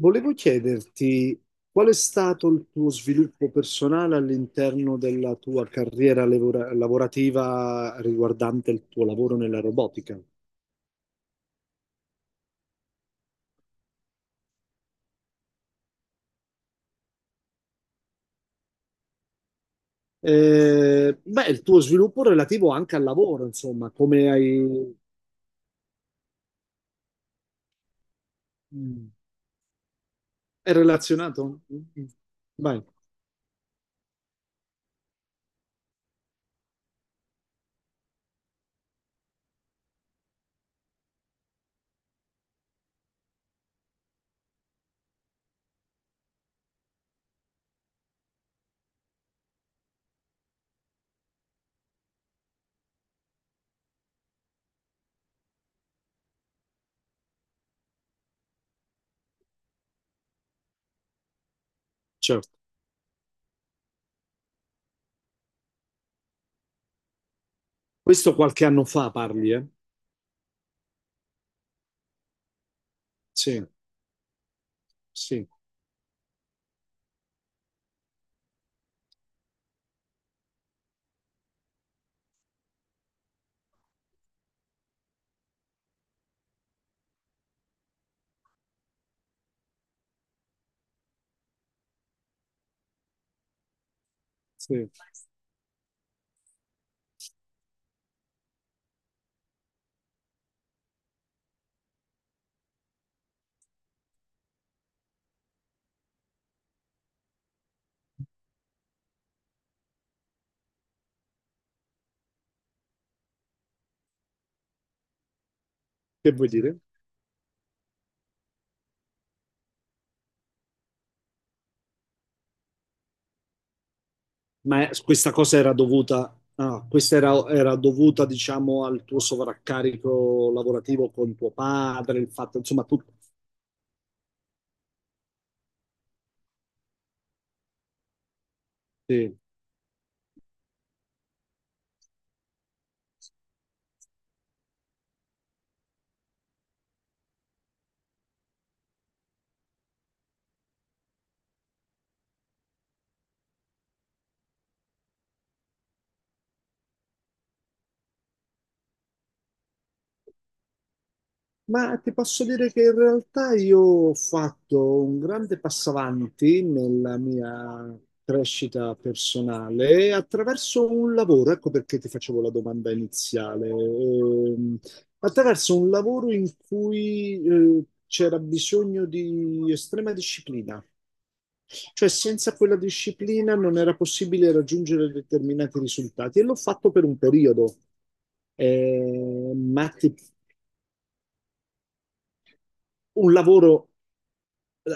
Volevo chiederti qual è stato il tuo sviluppo personale all'interno della tua carriera lavorativa riguardante il tuo lavoro nella robotica? Beh, il tuo sviluppo relativo anche al lavoro, insomma, come hai... Mm, è relazionato? Mm, vai, certo. Questo qualche anno fa parli, eh? Sì, sì, sì. Che vuoi dire? Ma questa cosa era dovuta, ah, questa era, era dovuta, diciamo, al tuo sovraccarico lavorativo con tuo padre, il fatto, insomma, tu... sì. Ma ti posso dire che in realtà io ho fatto un grande passo avanti nella mia crescita personale attraverso un lavoro, ecco perché ti facevo la domanda iniziale, attraverso un lavoro in cui c'era bisogno di estrema disciplina. Cioè, senza quella disciplina non era possibile raggiungere determinati risultati e l'ho fatto per un periodo. Ma ti- un lavoro,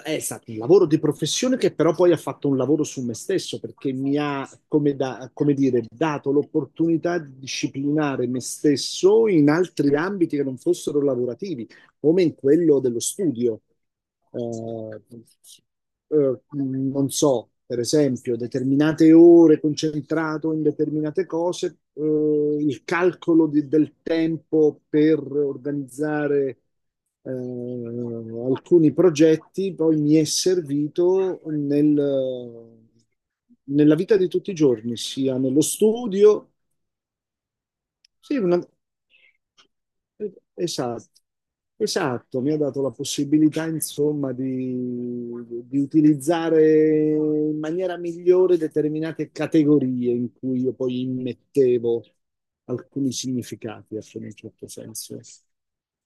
è stato un lavoro di professione che però poi ha fatto un lavoro su me stesso perché mi ha, come, come dire, dato l'opportunità di disciplinare me stesso in altri ambiti che non fossero lavorativi, come in quello dello studio. Eh, non so, per esempio, determinate ore concentrato in determinate cose, il calcolo del tempo per organizzare alcuni progetti poi mi è servito nella vita di tutti i giorni, sia nello studio sì, una- esatto, esatto, mi ha dato la possibilità, insomma, di utilizzare in maniera migliore determinate categorie in cui io poi immettevo alcuni significati, ecco, in un certo senso.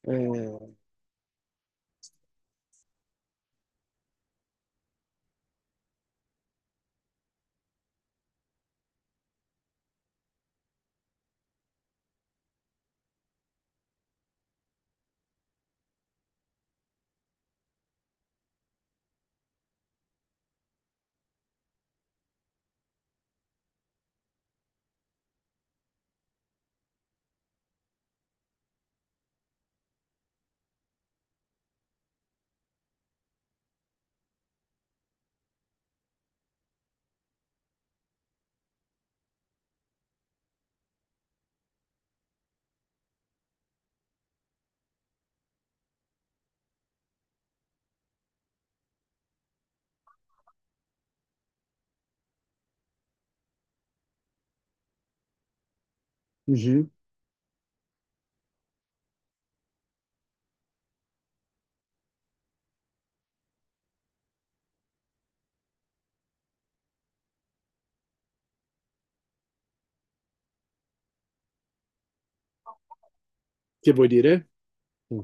Eh, mhm. Che vuoi dire? Mm.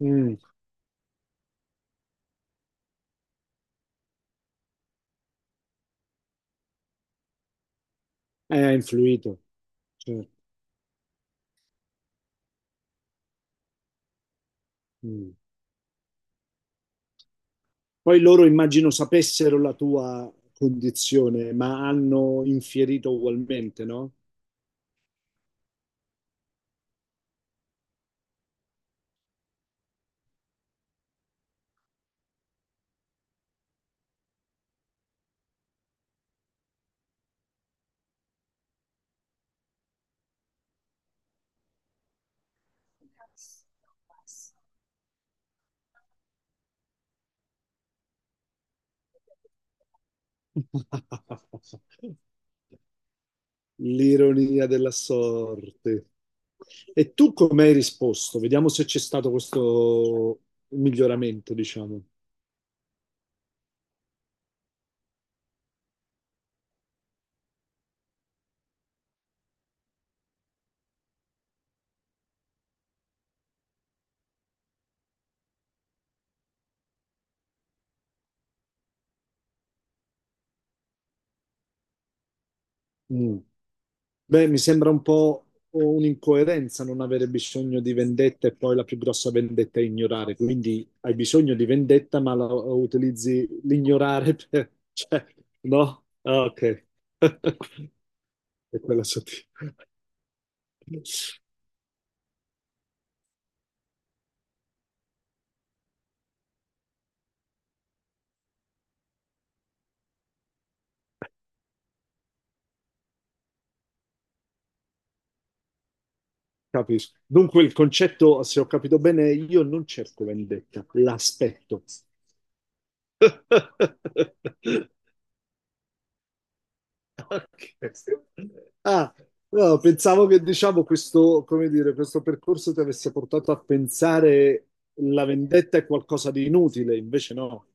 Mm. Ha influito, certo. Mm. Poi loro immagino sapessero la tua condizione, ma hanno infierito ugualmente, no? L'ironia della sorte. E tu come hai risposto? Vediamo se c'è stato questo miglioramento, diciamo. Mm. Beh, mi sembra un po' un'incoerenza non avere bisogno di vendetta e poi la più grossa vendetta è ignorare. Quindi hai bisogno di vendetta, ma la utilizzi l'ignorare per... Cioè, no? Ah, ok. È quella sottile. Capisco. Dunque il concetto, se ho capito bene, io non cerco vendetta, l'aspetto. Ok. Ah, no, pensavo che diciamo questo, come dire, questo percorso ti avesse portato a pensare la vendetta è qualcosa di inutile, invece no.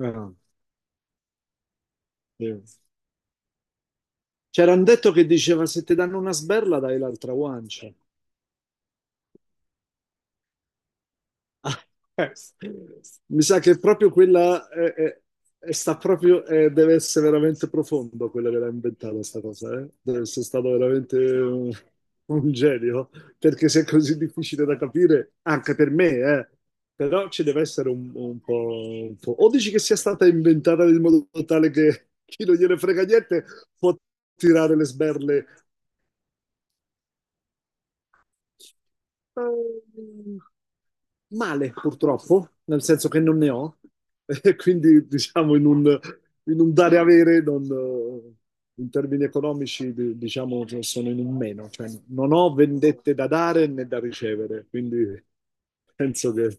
Ah, sì. C'era un detto che diceva se ti danno una sberla dai l'altra guancia. Ah, eh, mi sa che proprio quella è, sta proprio, deve essere veramente profondo quello che l'ha inventata questa cosa, eh? Deve essere stato veramente un genio, perché se è così difficile da capire, anche per me, eh. Però ci deve essere un po', un po'. O dici che sia stata inventata in modo tale che chi non gliene frega niente può tirare le sberle. Ehm, Male, purtroppo, nel senso che non ne ho, e quindi diciamo in un dare e avere, non, in termini economici, diciamo che sono in un meno, cioè non ho vendette da dare né da ricevere, quindi penso che...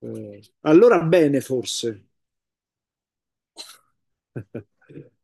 allora bene, forse.